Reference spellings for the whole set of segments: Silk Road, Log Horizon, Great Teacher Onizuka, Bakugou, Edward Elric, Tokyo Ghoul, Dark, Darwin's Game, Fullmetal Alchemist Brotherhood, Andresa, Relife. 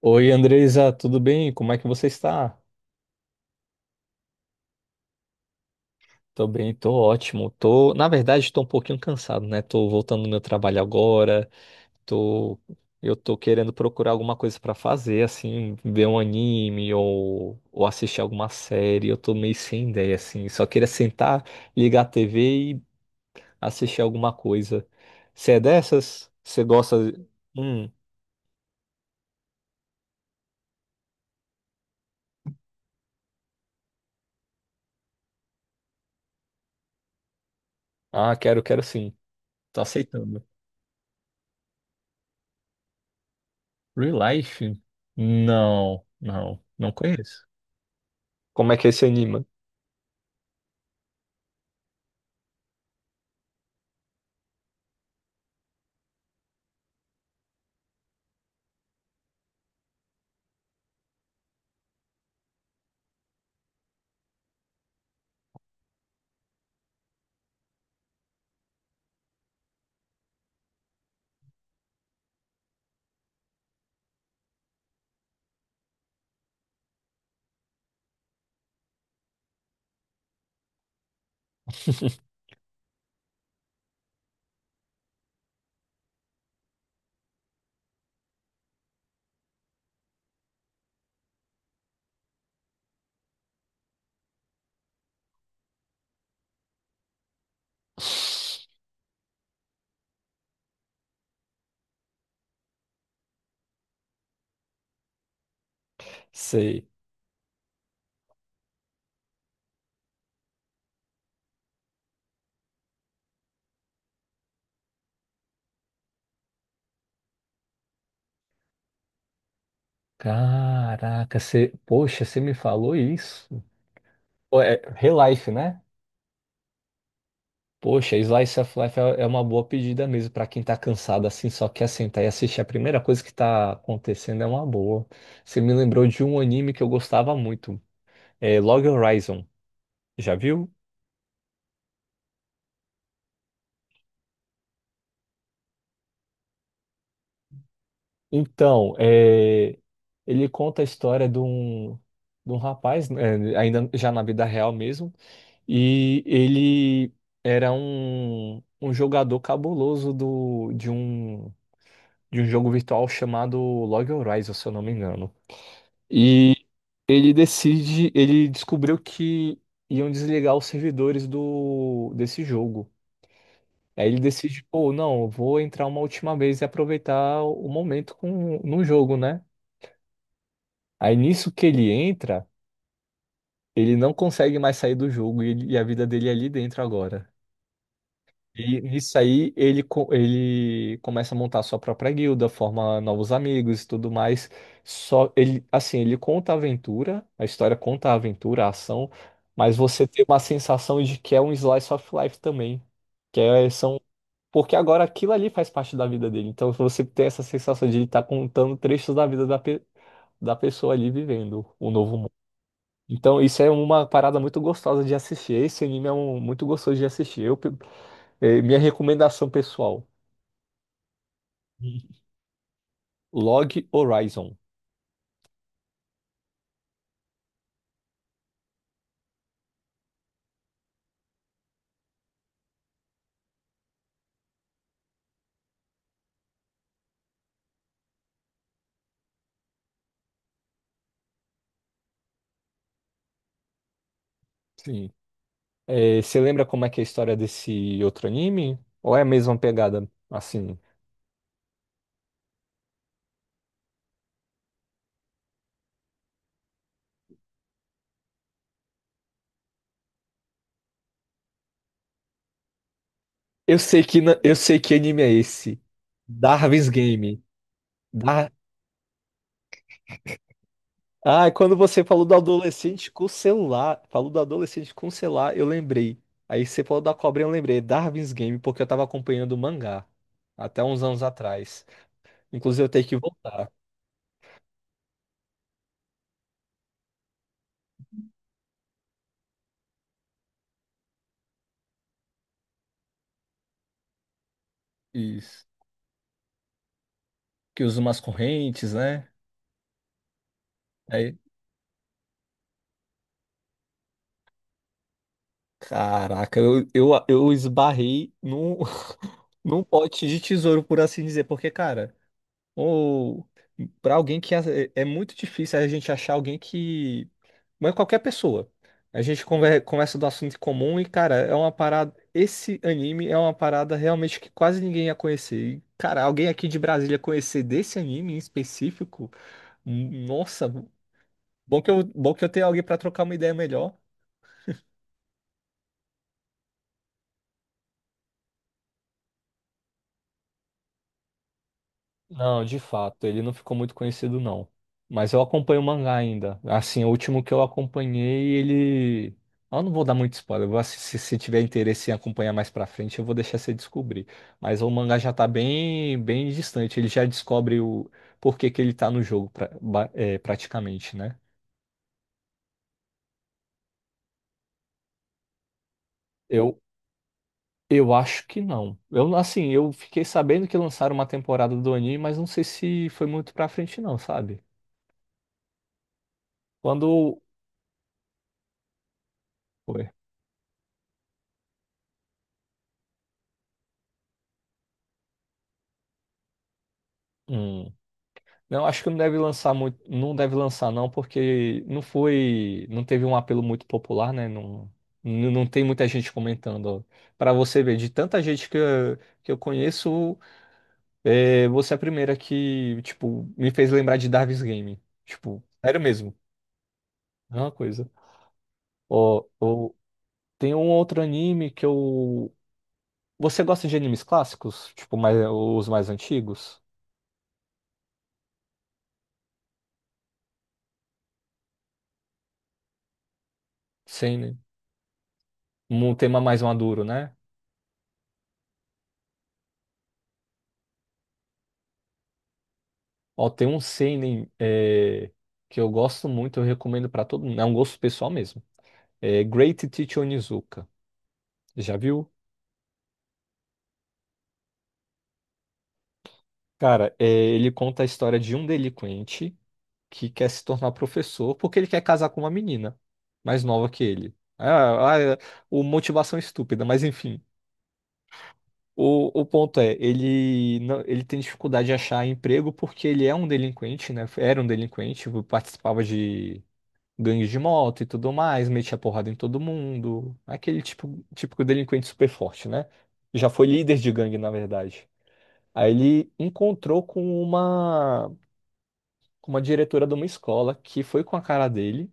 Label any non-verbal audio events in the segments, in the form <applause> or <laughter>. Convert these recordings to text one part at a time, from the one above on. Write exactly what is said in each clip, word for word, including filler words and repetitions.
Oi, Andresa, tudo bem? Como é que você está? Tô bem, tô ótimo. Tô, na verdade, tô um pouquinho cansado, né? Tô voltando do meu trabalho agora. Tô, eu tô querendo procurar alguma coisa pra fazer, assim, ver um anime ou, ou assistir alguma série. Eu tô meio sem ideia, assim. Só queria sentar, ligar a T V e assistir alguma coisa. Você é dessas? Você gosta? Hum, ah, quero, quero sim. Tô aceitando. Real Life? Não, não, não conheço. Como é que ele se anima? <laughs> Sei. Caraca, você, poxa, você me falou isso. Pô, é Relife, né? Poxa, Slice of Life é é uma boa pedida mesmo pra quem tá cansado assim, só quer sentar e assistir. A primeira coisa que tá acontecendo é uma boa. Você me lembrou de um anime que eu gostava muito, é Log Horizon. Já viu? Então, é, ele conta a história de um, de um rapaz, né, ainda já na vida real mesmo. E ele era um, um jogador cabuloso do, de um, de um jogo virtual chamado Log Horizon, se eu não me engano. E ele decide, ele descobriu que iam desligar os servidores do, desse jogo. Aí ele decide, pô, não, eu vou entrar uma última vez e aproveitar o momento com, no jogo, né? Aí nisso que ele entra, ele não consegue mais sair do jogo e, ele- e a vida dele é ali dentro agora. E nisso aí ele, co- ele começa a montar sua própria guilda, forma novos amigos e tudo mais. Só ele, assim, ele conta a aventura, a história conta a aventura, a ação, mas você tem uma sensação de que é um slice of life também, que é, são porque agora aquilo ali faz parte da vida dele. Então você tem essa sensação de ele estar contando trechos da vida da, pe- da pessoa ali vivendo o novo mundo. Então, isso é uma parada muito gostosa de assistir. Esse anime é um, muito gostoso de assistir. Eu, é, minha recomendação pessoal: <laughs> Log Horizon. Sim. É, você lembra como é que é a história desse outro anime? Ou é a mesma pegada? Assim, eu sei que na- eu sei que anime é esse. Darwin's Game. Dar... Ah, quando você falou do adolescente com o celular, falou do adolescente com o celular, eu lembrei. Aí você falou da cobrinha, eu lembrei. Darwin's Game, porque eu tava acompanhando o mangá até uns anos atrás. Inclusive eu tenho que voltar. Isso. Que usa umas correntes, né? Caraca, eu, eu, eu esbarrei num, <laughs> num pote de tesouro, por assim dizer, porque, cara, ou para alguém que é, é muito difícil a gente achar alguém que. Mas qualquer pessoa. A gente conver- conversa do assunto em comum e, cara, é uma parada. Esse anime é uma parada realmente que quase ninguém ia conhecer. E, cara, alguém aqui de Brasília conhecer desse anime em específico, hum, nossa, bom que eu, bom que eu tenho alguém pra trocar uma ideia melhor. Não, de fato, ele não ficou muito conhecido, não. Mas eu acompanho o mangá ainda. Assim, o último que eu acompanhei, ele. Eu não vou dar muito spoiler. eu vou assi- se, se tiver interesse em acompanhar mais pra frente, eu vou deixar você descobrir. Mas o mangá já tá bem, bem distante. Ele já descobre o porquê que ele tá no jogo, pra- ba- é, praticamente, né? Eu, eu acho que não. Eu, assim, eu fiquei sabendo que lançaram uma temporada do anime, mas não sei se foi muito pra frente, não, sabe? Quando. Foi. Não, acho que não deve lançar muito, não deve lançar não, porque não foi, não teve um apelo muito popular, né? Não, n- não tem muita gente comentando. Para você ver, de tanta gente que eu, que eu conheço, é, você é a primeira que, tipo, me fez lembrar de Darwin's Game. Tipo, sério mesmo, é uma coisa. Ó, ó, tem um outro anime que eu... Você gosta de animes clássicos? Tipo, mais, os mais antigos? Sim, né? Um tema mais maduro, né? Ó, tem um seinen é, que eu gosto muito, eu recomendo pra todo mundo. É um gosto pessoal mesmo. É Great Teacher Onizuka. Já viu? Cara, é, ele conta a história de um delinquente que quer se tornar professor porque ele quer casar com uma menina mais nova que ele. Ah, ah, é, o motivação estúpida, mas enfim. O, o ponto é, ele não- ele tem dificuldade de achar emprego porque ele é um delinquente, né? Era um delinquente, participava de gangue de moto e tudo mais, metia porrada em todo mundo. Aquele tipo, típico delinquente super forte, né? Já foi líder de gangue, na verdade. Aí ele encontrou com uma, com uma diretora de uma escola que foi com a cara dele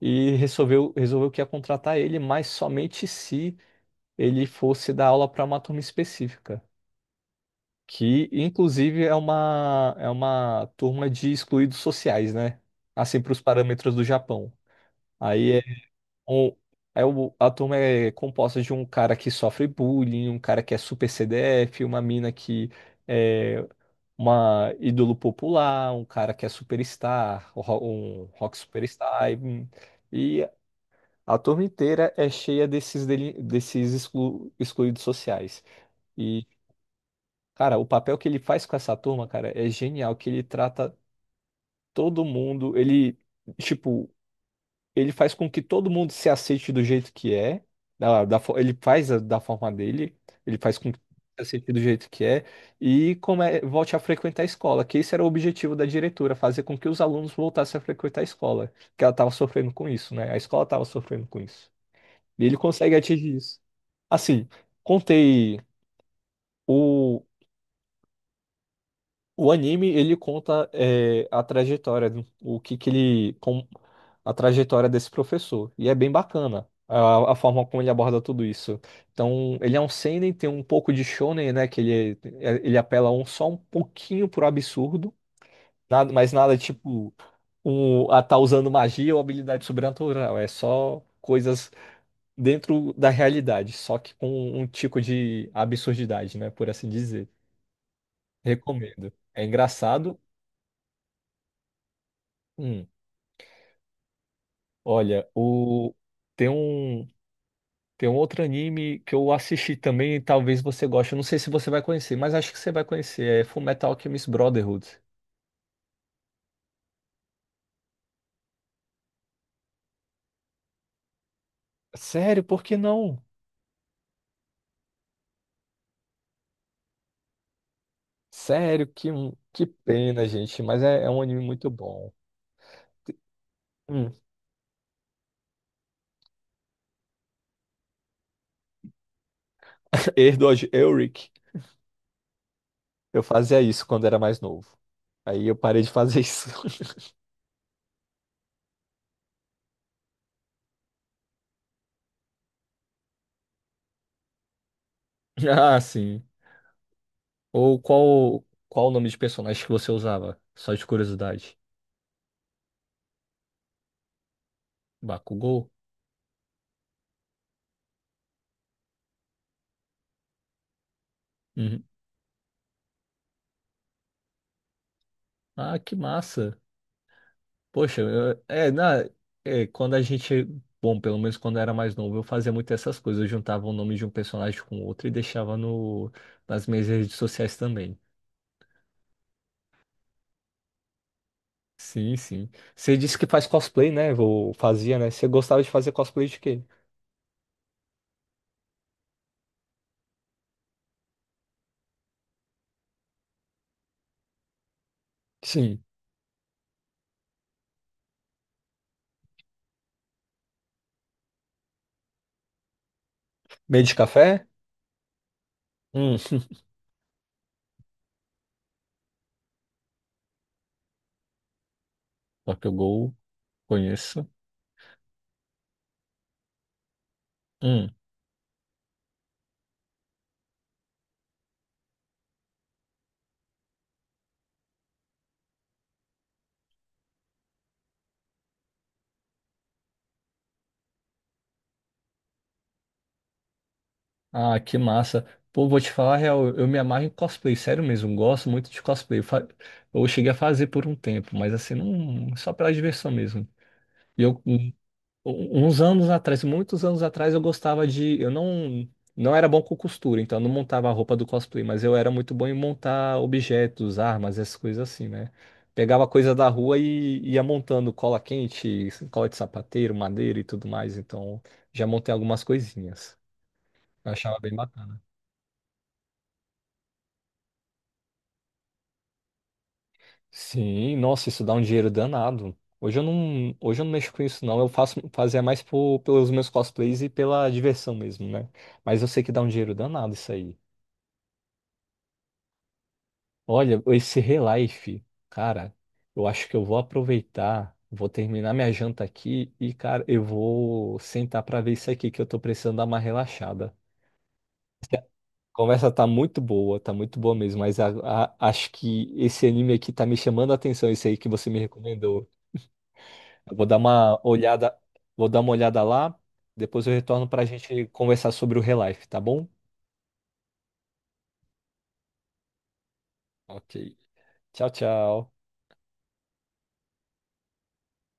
e resolveu, resolveu que ia contratar ele, mas somente se ele fosse dar aula para uma turma específica. Que, inclusive, é uma, é uma turma de excluídos sociais, né? Assim, para os parâmetros do Japão. Aí um- é o, a turma é composta de um cara que sofre bullying, um cara que é super C D F, uma mina que é uma ídolo popular, um cara que é superstar, um ro- um rock superstar. E, e a turma inteira é cheia desses, deli- desses exclu- excluídos sociais. E, cara, o papel que ele faz com essa turma, cara, é genial, que ele trata todo mundo, ele. Tipo, ele faz com que todo mundo se aceite do jeito que é, da, da fo- ele faz a- da forma dele, ele faz com que se aceite do jeito que é, e come, volte a frequentar a escola, que esse era o objetivo da diretora, fazer com que os alunos voltassem a frequentar a escola, que ela estava sofrendo com isso, né? A escola estava sofrendo com isso. E ele consegue atingir isso. Assim, contei o. O anime, ele conta é, a trajetória, né? O que que ele, com, a trajetória desse professor. E é bem bacana a, a forma como ele aborda tudo isso. Então, ele é um seinen, tem um pouco de shonen, né? Que ele, é, ele apela um, só um pouquinho pro absurdo, nada, mas nada tipo um, a tá usando magia ou habilidade sobrenatural. É só coisas dentro da realidade, só que com um tipo de absurdidade, né? Por assim dizer. Recomendo. É engraçado. Hum. Olha, o tem um tem um outro anime que eu assisti também, e talvez você goste. Eu não sei se você vai conhecer, mas acho que você vai conhecer. É Fullmetal Alchemist Brotherhood. Sério, por que não? Sério, que, que pena, gente. Mas é, é um anime muito bom. Hum. <laughs> Edward Elric, eu fazia isso quando era mais novo. Aí eu parei de fazer isso. <laughs> Ah, sim. Ou qual qual o nome de personagem que você usava? Só de curiosidade. Bakugou? Uhum. Ah, que massa. Poxa, eu- é, na, é, quando a gente, bom, pelo menos quando eu era mais novo, eu fazia muito essas coisas. Eu juntava o nome de um personagem com outro e deixava no, nas minhas redes sociais também. Sim, sim. Você disse que faz cosplay, né? Ou fazia, né? Você gostava de fazer cosplay de quê? Sim. Meio de café? Hum, Tokyo Ghoul, conheço. Hum. Ah, que massa. Pô, vou te falar a real, eu me amarro em cosplay, sério mesmo, gosto muito de cosplay. Eu Fa- Eu cheguei a fazer por um tempo, mas assim, não, só pela diversão mesmo. E eu, um- Uns anos atrás, muitos anos atrás, eu gostava de. Eu não, não era bom com costura, então eu não montava a roupa do cosplay, mas eu era muito bom em montar objetos, armas, essas coisas assim, né? Pegava coisa da rua e ia montando cola quente, cola de sapateiro, madeira e tudo mais. Então já montei algumas coisinhas. Eu achava bem bacana. Sim, nossa, isso dá um dinheiro danado. Hoje eu não, hoje eu não mexo com isso não, eu faço fazia mais por- pelos meus cosplays e pela diversão mesmo, né? Mas eu sei que dá um dinheiro danado isso aí. Olha, esse Relife, cara, eu acho que eu vou aproveitar, vou terminar minha janta aqui e, cara, eu vou sentar pra ver isso aqui que eu tô precisando dar uma relaxada. A conversa tá muito boa, tá muito boa mesmo, mas a- a- acho que esse anime aqui tá me chamando a atenção, esse aí que você me recomendou. Eu vou dar uma olhada, vou dar uma olhada lá, depois eu retorno para a gente conversar sobre o Relife, tá bom? Ok. Tchau, tchau.